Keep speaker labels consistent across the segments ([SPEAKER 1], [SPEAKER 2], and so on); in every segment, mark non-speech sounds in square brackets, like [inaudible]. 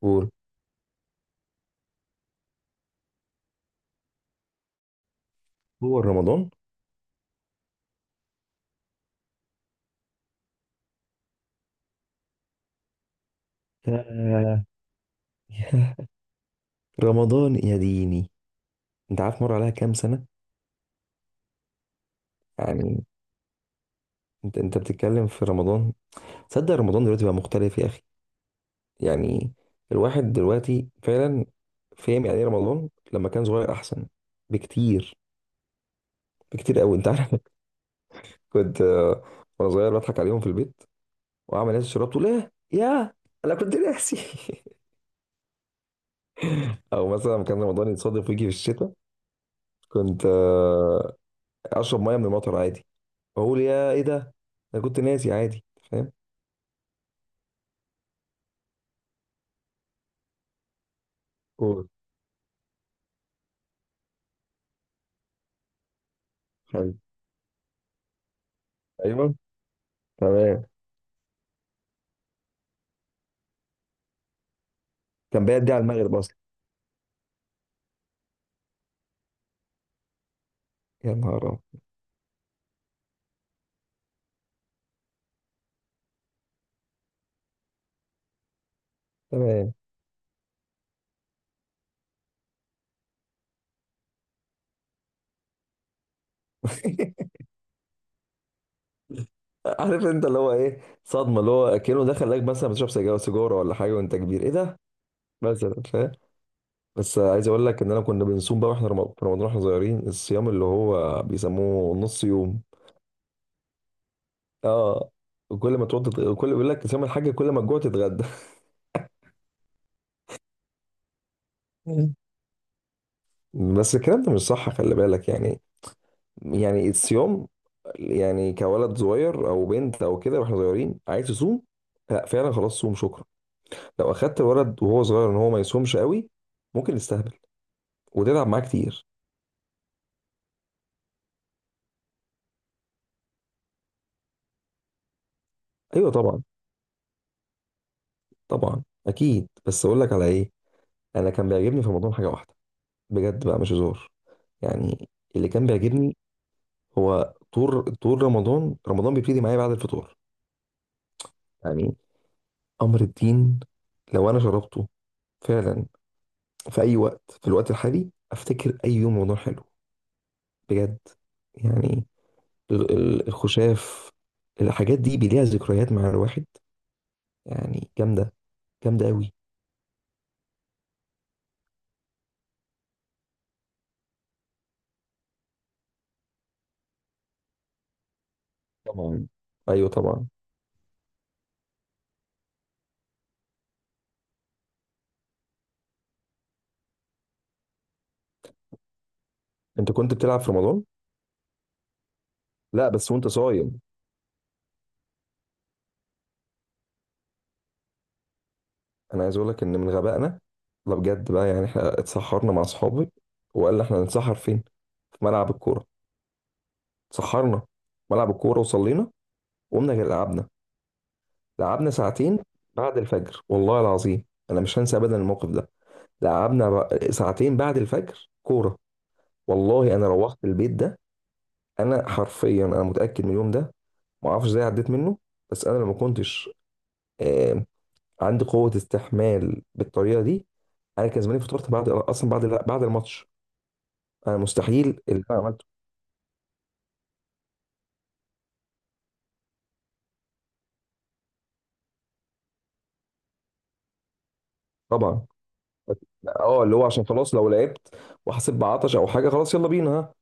[SPEAKER 1] قول. هو رمضان، ف رمضان يا ديني، انت عارف مر عليها كام سنة؟ يعني انت بتتكلم في رمضان. تصدق رمضان دلوقتي بقى مختلف يا اخي؟ يعني الواحد دلوقتي فعلا فاهم يعني ايه رمضان لما كان صغير، احسن بكتير. بكتير قوي انت عارف. [laughs] كنت وانا صغير بضحك عليهم في البيت، واعمل ناس شربت، تقول ايه يا، انا كنت ناسي. [laughs] او مثلا لما كان رمضان يتصادف ويجي في الشتاء، كنت اشرب ميه من المطر، بقول يا ايه ده، انا كنت ناسي عادي. فاهم؟ قول. حلو. ايوه، تمام. كان بيعدي على المغرب اصلا. يا نهار أبيض. تمام. [laughs] عارف انت اللي هو ايه؟ صدمه، اللي هو كأنه دخل لك مثلا بتشرب سجاير، سيجاره ولا حاجه وانت كبير، ايه ده مثلا، فاهم؟ بس عايز اقول لك ان انا كنا بنصوم بقى واحنا في رمضان واحنا صغيرين، الصيام اللي هو بيسموه نص يوم. اه، وكل ما تقعد كل بيقول لك صيام الحاج، كل ما تجوع تتغدى. [laughs] بس الكلام ده مش صح، خلي بالك يعني. يعني الصيام، يعني كولد صغير او بنت او كده واحنا صغيرين عايز تصوم، لا فعلا خلاص صوم شكرا. لو اخدت الولد وهو صغير ان هو ما يصومش قوي، ممكن يستهبل وتتعب معاه كتير. ايوه طبعا. طبعا اكيد، بس اقول لك على ايه، انا كان بيعجبني في رمضان حاجه واحده، بجد بقى مش هزار يعني. اللي كان بيعجبني هو طول رمضان، رمضان بيبتدي معايا بعد الفطور. يعني امر الدين، لو انا شربته فعلا في اي وقت في الوقت الحالي، افتكر اي يوم رمضان حلو، بجد. يعني الخشاف، الحاجات دي بيليها ذكريات مع الواحد، يعني جامدة. جامدة قوي. طبعا. ايوه طبعا. انت كنت بتلعب في رمضان؟ لا بس وانت صايم؟ انا عايز اقول لك ان من غبائنا، لا بجد بقى، يعني احنا اتسحرنا مع اصحابي، وقال لي احنا هنتسحر فين؟ في ملعب الكوره. اتسحرنا في ملعب الكوره وصلينا، وقمنا لعبنا. لعبنا ساعتين بعد الفجر، والله العظيم انا مش هنسى ابدا الموقف ده. ساعتين بعد الفجر كوره. والله انا روحت البيت ده، انا حرفيا انا متاكد من اليوم ده، ما اعرفش ازاي عديت منه. بس انا لو ما كنتش آه، عندي قوه استحمال بالطريقه دي، انا كان زماني فطرت بعد، اصلا بعد الماتش. انا مستحيل اللي انا عملته. طبعا. بس- اه اللي هو عشان خلاص لو لعبت وحسيت بعطش او حاجه، خلاص يلا بينا ها.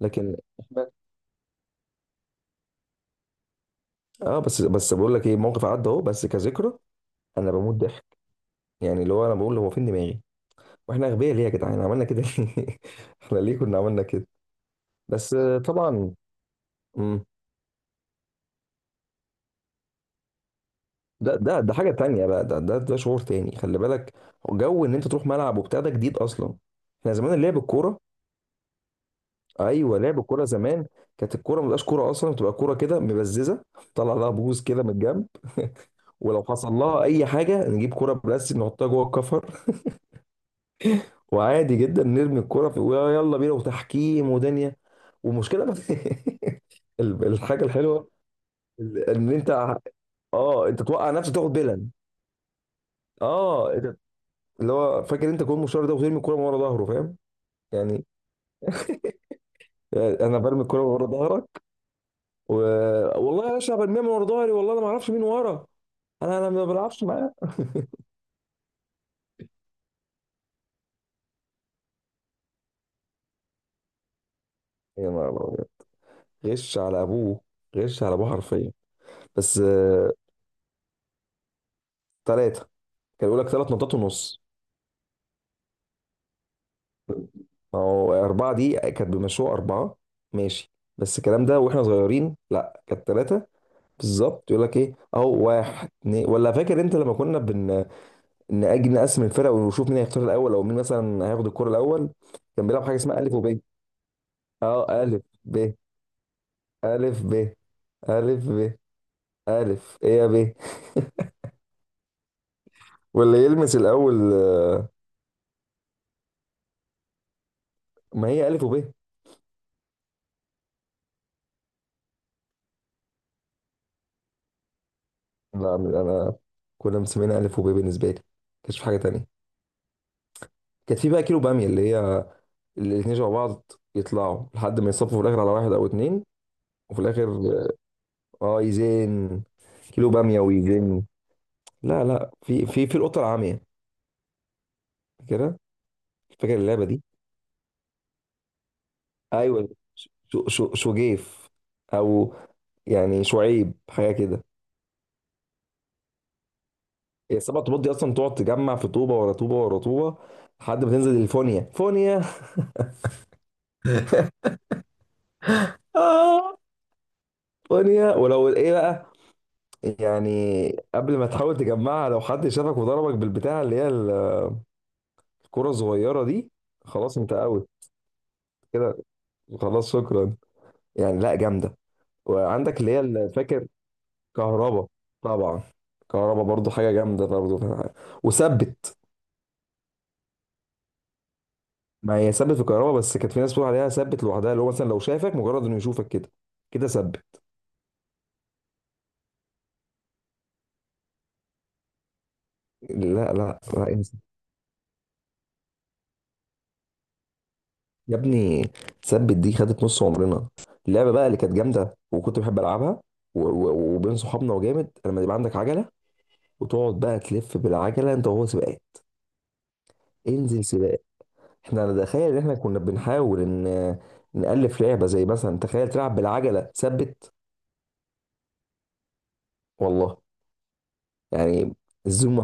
[SPEAKER 1] لكن اه بس بقول لك ايه، موقف عدى اهو بس كذكرى. انا بموت ضحك، يعني اللي هو انا بقول هو فين دماغي، واحنا اغبياء ليه يا جدعان؟ عملنا كده ليه؟ [laughs] احنا ليه كنا عملنا كده؟ بس طبعا. مم. ده حاجة تانية بقى، ده شعور تاني، خلي بالك. جو ان انت تروح ملعب وبتاع ده جديد اصلا. احنا زمان لعب الكورة. ايوه لعب الكورة زمان، كانت الكورة ما بتبقاش كورة اصلا، بتبقى كورة كده مبززة، طلع لها بوز كده من الجنب. ولو حصل لها اي حاجة نجيب كورة بلاستيك نحطها جوه الكفر، وعادي جدا نرمي الكورة في، يلا بينا وتحكيم ودنيا ومشكلة بقى. [laughs] الحاجة الحلوة ان انت توقع نفسك تاخد بلن. اه اللي هو فاكر انت جون مشوار ده، وترمي الكوره من ورا ظهره، فاهم؟ يعني انا برمي الكوره من ورا ظهرك. و... والله يا باشا برميها من ورا ظهري، والله انا ما اعرفش مين ورا. انا ما بلعبش معاه. يا نهار أبيض. غش على ابوه. غش على ابوه حرفيا. بس ثلاثه. كان يقول لك ثلاث نقطات ونص. ما هو اربعه دي كانت بمشروع اربعه، ماشي. بس الكلام ده واحنا صغيرين، لا كانت ثلاثه بالظبط. يقول لك ايه اهو، واحد اتنين. ولا فاكر انت لما كنا بن نأجل نقسم الفرق ونشوف مين هيختار الاول، او مين مثلا هياخد الكرة الاول؟ كان بيلعب حاجة اسمها الف وب. اه، الف ب، الف ب، الف ب، الف ايه يا ب. واللي يلمس الاول ما هي الف وب. لا انا كنا مسمينها الف وب بالنسبة لي، كانش في حاجة تانية. كانت في بقى كيلو بامية، اللي هي الاتنين شبه بعض يطلعوا لحد ما يصفوا في الاخر على واحد او اتنين. وفي الاخر، اه يزين. كيلو باميه ويزين. لا لا، في في في القطه العاميه كده. فاكر اللعبه دي؟ ايوه. شو شجيف، او يعني شعيب، حاجه كده. هي السبع طوبات دي اصلا، تقعد تجمع في طوبه ورا طوبه ورا طوبه، لحد ما تنزل الفونيا. فونيا. [laughs] آه. فونيا ولو ايه بقى، يعني قبل ما تحاول تجمعها لو حد شافك وضربك بالبتاع اللي هي الكره الصغيره دي، خلاص انت اوت كده. خلاص شكرا. يعني لا جامده. وعندك اللي هي، اللي فاكر كهربا، طبعا كهربا برضو حاجه جامده برضو، وثبت. ما هي ثبت في الكهرباء، بس كانت في ناس بتقول عليها ثبت لوحدها، اللي هو مثلا لو شافك مجرد انه يشوفك كده، كده ثبت. لا لا لا انسى. يا ابني ثبت دي خدت نص عمرنا. اللعبه بقى اللي كانت جامده وكنت بحب العبها، و- و- وبين صحابنا. وجامد لما يبقى عندك عجله، وتقعد بقى تلف بالعجله انت وهو سباقات. انزل سباق. احنا انا تخيل ان احنا كنا بنحاول ان نالف لعبه، زي مثلا تخيل تلعب بالعجله ثبت. والله. يعني الزوم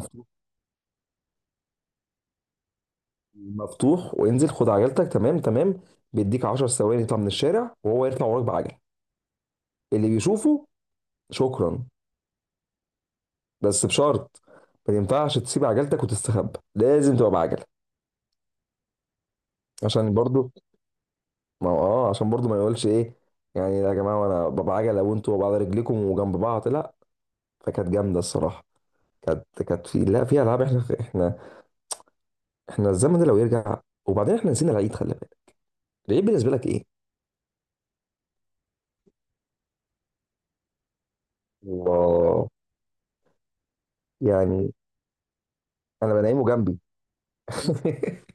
[SPEAKER 1] مفتوح، وانزل خد عجلتك، تمام تمام، بيديك 10 ثواني يطلع من الشارع، وهو يطلع وراك بعجل. اللي بيشوفه شكرا. بس بشرط، ما ينفعش تسيب عجلتك وتستخبى، لازم تبقى بعجل. عشان برضو، ما هو اه عشان برضو ما يقولش ايه يعني، يا جماعه وانا بعجله وانتوا بعد رجليكم وجنب بعض، لا. فكانت جامده الصراحه. كانت كانت في، لا في العاب، احنا الزمن ده لو يرجع. وبعدين احنا نسينا العيد، خلي بالك. العيد بالنسبه لك ايه؟ الله. يعني انا بنيمه جنبي. [laughs]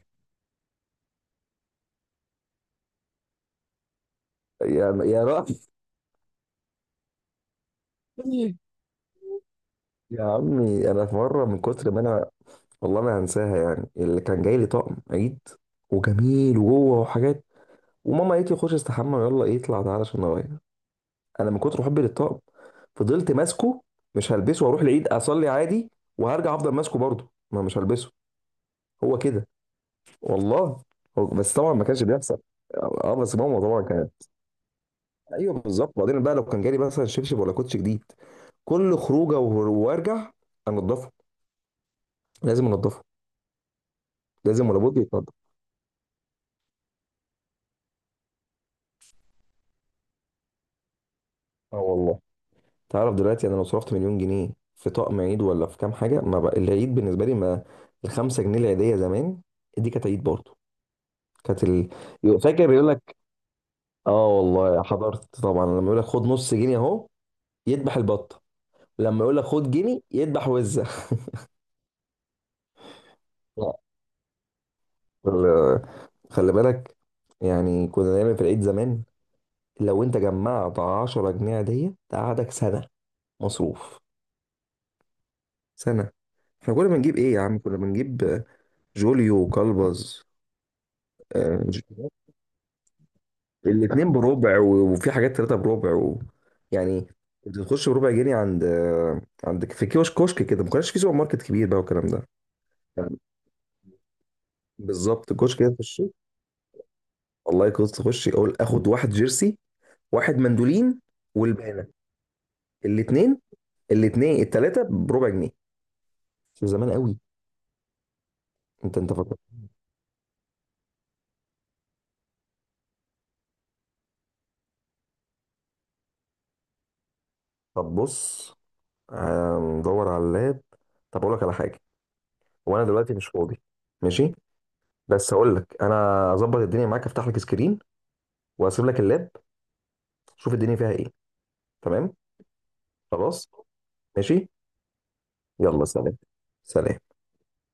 [SPEAKER 1] يا رأي. [laughs] يا عمي، انا في مره من كتر ما انا، والله ما هنساها، يعني اللي كان جاي لي طقم عيد، وجميل وجوه وحاجات، وماما قالت لي خش استحمى يلا، ايه اطلع تعالى عشان اغير. انا من كتر حبي للطقم، فضلت ماسكه، مش هلبسه واروح العيد اصلي عادي، وهرجع افضل ماسكه برضه ما مش هلبسه. هو كده والله. هو بس طبعا ما كانش بيحصل. اه بس ماما طبعا كانت. ايوه بالظبط. بعدين بقى لو كان جالي مثلا شبشب ولا كوتش جديد، كل خروجه وارجع انضفه، لازم انضفه. لازم ولا بد يتنضف. اه والله. تعرف دلوقتي انا لو صرفت مليون جنيه في طقم عيد ولا في كام حاجه، ما بقى العيد بالنسبه لي ما. الخمسة جنيه العيديه زمان، دي كانت عيد برضه. كانت ال... يبقى فاكر يقول لك، اه والله حضرت طبعا. لما يقول لك خد نص جنيه اهو، يذبح البطه. لما يقول لك خد جنيه، يذبح وزه. [laughs] لا. ال- خلي بالك يعني، كنا دايما في العيد زمان لو انت جمعت 10 جنيه عيديه تقعدك سنه مصروف. سنة. احنا كنا بنجيب ايه يا عم؟ كنا بنجيب جوليو وكلبز، آه، الاتنين بربع، وفي حاجات تلاتة بربع و... يعني كنت تخش بربع جنيه عند عند في كيوش كشك كده، ما كانش في سوبر ماركت كبير بقى والكلام ده يعني. بالظبط كشك كده تخش، والله كنت تخش اقول اخد واحد جيرسي، واحد مندولين والبانه، الاتنين الاتنين التلاتة بربع جنيه. شو زمان قوي. انت فاكر؟ طب بص هندور على اللاب. طب اقول لك على حاجه، وانا دلوقتي مش فاضي، ماشي، بس هقول لك. انا اظبط الدنيا معاك، افتح لك سكرين واسيب لك اللاب، شوف الدنيا فيها ايه. تمام. خلاص ماشي، يلا سلام. سلام.